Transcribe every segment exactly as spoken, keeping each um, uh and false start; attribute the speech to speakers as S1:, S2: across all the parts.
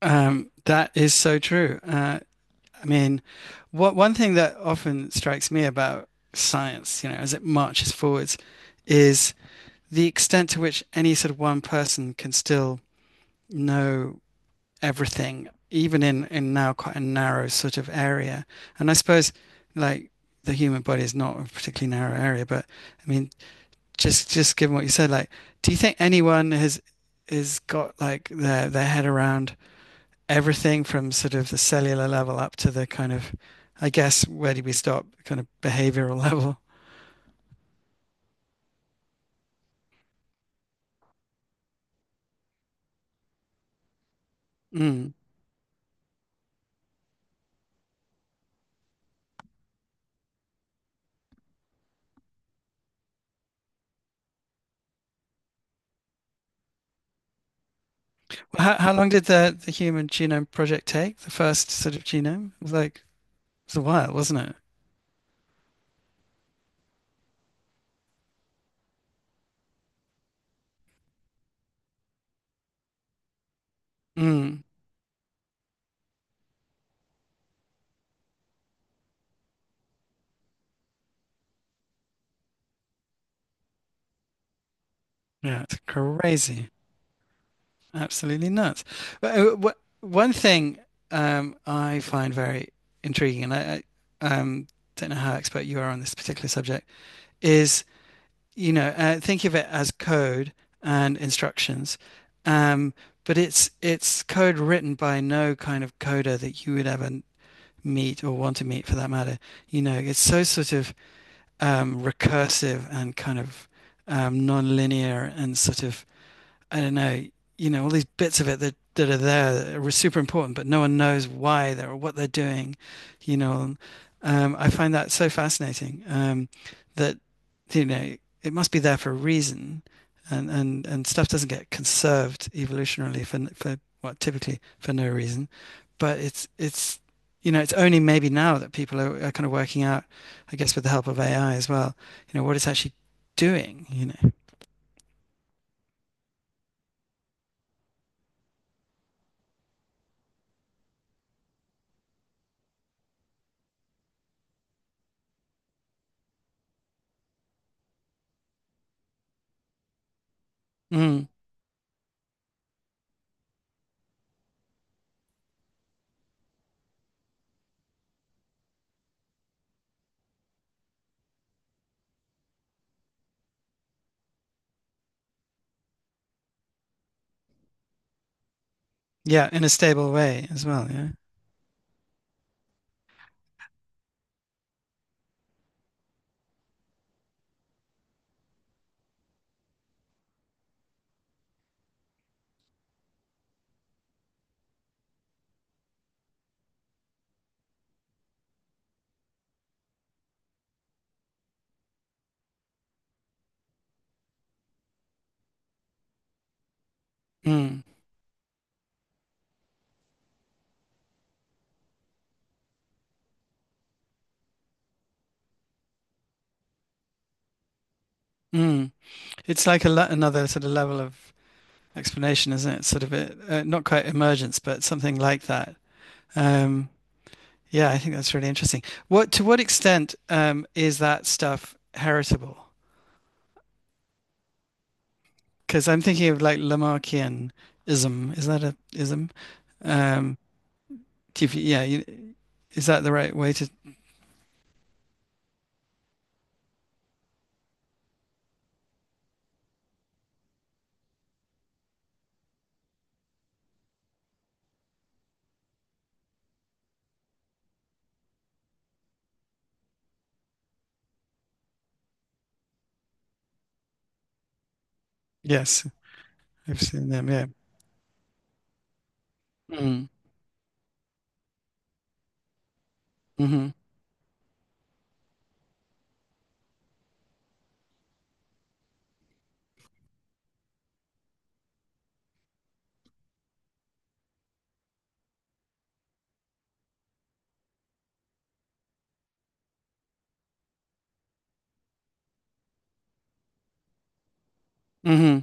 S1: Um, that is so true. Uh, I mean, what one thing that often strikes me about science, you know, as it marches forwards, is the extent to which any sort of one person can still know everything, even in in now quite a narrow sort of area. And I suppose, like, the human body is not a particularly narrow area, but I mean, just just given what you said, like, do you think anyone has has got like their their head around everything from sort of the cellular level up to the kind of, I guess, where do we stop? Kind of behavioral level. Mm. Well, How, how long did the, the Human Genome Project take? The first sort of genome? It was like, it was a while, wasn't it? Mm. Yeah, it's crazy. Absolutely nuts. But, uh, wh- one thing um, I find very intriguing, and I, I um, don't know how expert you are on this particular subject, is you know, uh, think of it as code and instructions. Um, but it's it's code written by no kind of coder that you would ever meet or want to meet for that matter. You know, it's so sort of um, recursive and kind of um, non-linear and sort of I don't know, you know, all these bits of it that, that are there that are super important, but no one knows why they're or what they're doing, you know. Um, I find that so fascinating um, that, you know, it must be there for a reason. And, and, and stuff doesn't get conserved evolutionarily for, for what typically for no reason. But it's, it's, you know, it's only maybe now that people are, are kind of working out, I guess, with the help of A I as well, you know, what it's actually doing, you know. Mm. Yeah, in a stable way as well. Yeah. Mm, mm. It's like a le another sort of level of explanation, isn't it? Sort of a, uh, not quite emergence, but something like that. Um, yeah, I think that's really interesting. What to what extent um, is that stuff heritable? Because I'm thinking of like Lamarckianism. Is that a ism? Um, if you- yeah, you, is that the right way to? Yes, I've seen them. Yeah. Mm, hmm hmm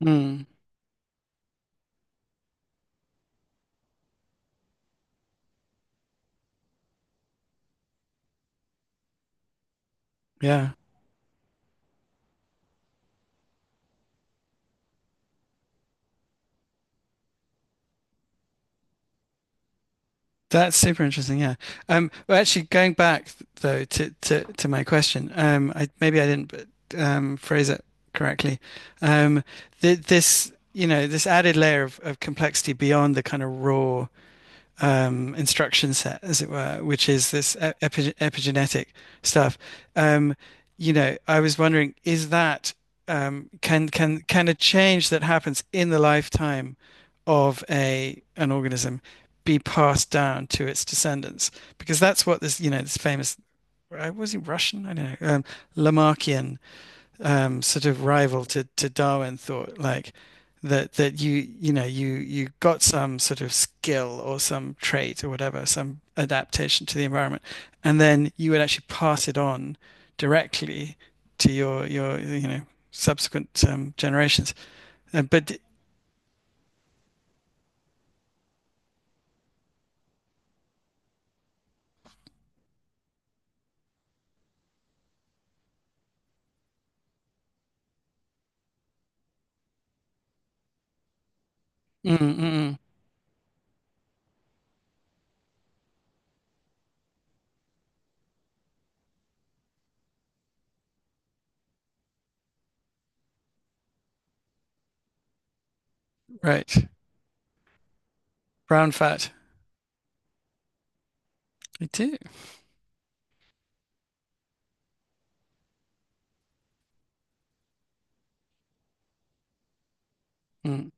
S1: mm, yeah. That's super interesting, yeah. Um, well, actually, going back though to to, to my question, um, I maybe I didn't um, phrase it correctly. Um, th this, you know, this added layer of, of complexity beyond the kind of raw um, instruction set, as it were, which is this e- epi- epigenetic stuff. Um, you know, I was wondering, is that um, can can can a change that happens in the lifetime of a an organism be passed down to its descendants? Because that's what this, you know, this famous, I was he Russian? I don't know, um, Lamarckian um, sort of rival to, to Darwin thought, like that that you you know you you got some sort of skill or some trait or whatever, some adaptation to the environment, and then you would actually pass it on directly to your your you know subsequent um, generations. Uh, but mm, mm, mm, right, brown fat. I do. Mm,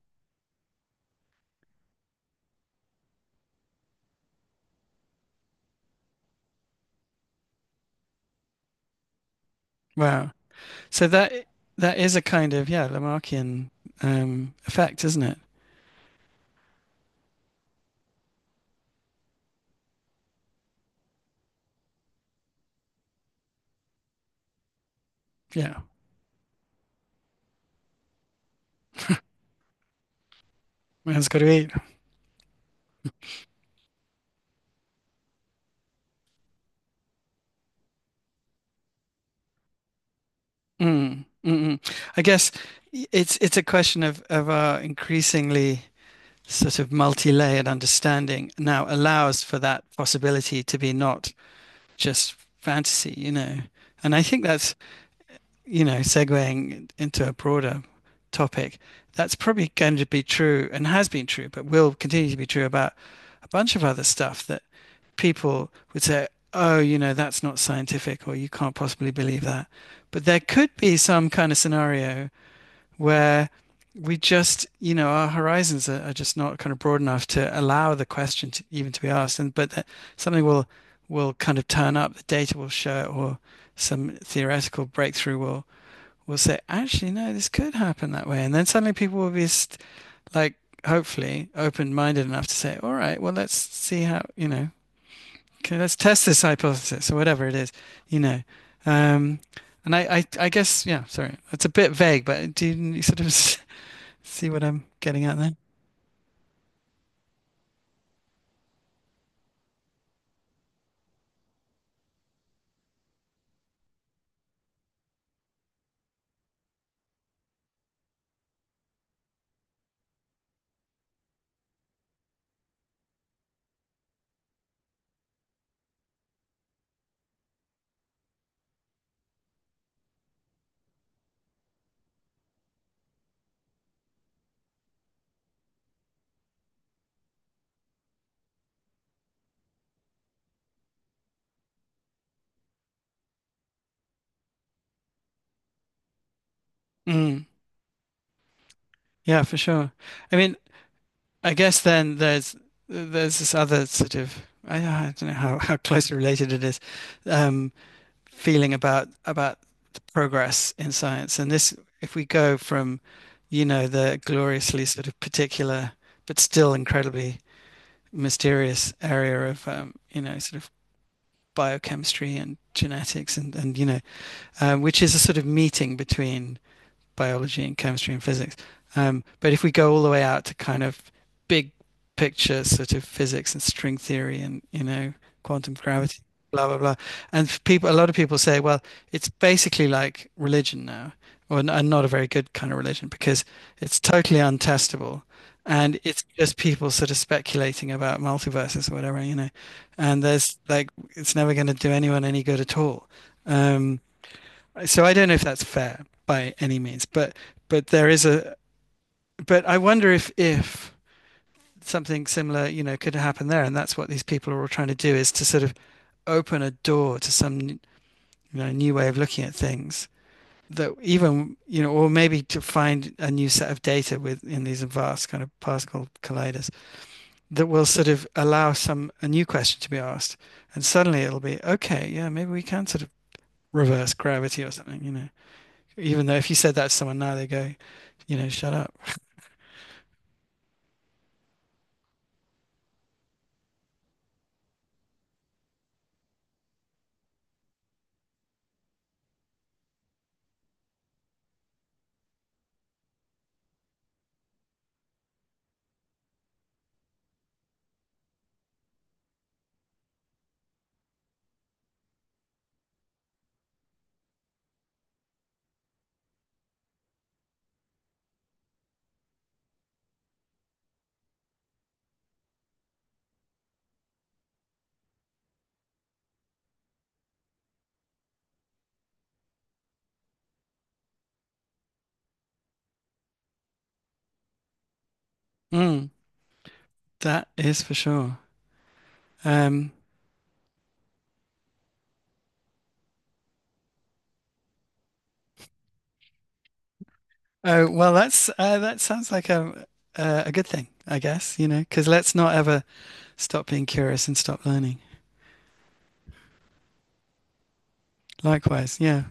S1: wow. So that that is a kind of yeah Lamarckian um, effect, isn't it? Yeah, man's got to eat. Mm, mm, mm. I guess y- it's it's a question of of our increasingly sort of multi-layered understanding now allows for that possibility to be not just fantasy, you know. And I think that's you know, segueing into a broader topic, that's probably going to be true and has been true, but will continue to be true about a bunch of other stuff that people would say, oh, you know, that's not scientific or you can't possibly believe that. But there could be some kind of scenario where we just, you know, our horizons are, are just not kind of broad enough to allow the question to even to be asked. And but something will will kind of turn up, the data will show it, or some theoretical breakthrough will will say, actually, no, this could happen that way. And then suddenly people will be like, hopefully, open minded enough to say, all right, well, let's see how, you know, okay, let's test this hypothesis or whatever it is, you know. Um, and I, I, I guess, yeah, sorry, it's a bit vague, but do you, you sort of see what I'm getting at there? Mm, yeah, for sure. I mean, I guess then there's there's this other sort of I, I don't know how, how closely related it is um, feeling about about progress in science. And this, if we go from, you know, the gloriously sort of particular, but still incredibly mysterious area of, um, you know, sort of biochemistry and genetics and, and you know, um, which is a sort of meeting between biology and chemistry and physics. Um, but if we go all the way out to kind of big picture sort of physics and string theory and you know quantum gravity, blah blah blah, and people, a lot of people say, well, it's basically like religion now, or and not a very good kind of religion because it's totally untestable, and it's just people sort of speculating about multiverses or whatever, you know, and there's like it's never going to do anyone any good at all. Um, so I don't know if that's fair by any means, but but there is a but I wonder if if something similar, you know, could happen there, and that's what these people are all trying to do is to sort of open a door to some you know new way of looking at things that even you know or maybe to find a new set of data within these vast kind of particle colliders that will sort of allow some a new question to be asked and suddenly it'll be okay yeah maybe we can sort of reverse gravity or something you know. Even though if you said that to someone now, they go, you know, shut up. Mm, that is for sure. Um, oh well, that's uh, that sounds like a uh, a good thing, I guess. You know, because let's not ever stop being curious and stop learning. Likewise, yeah.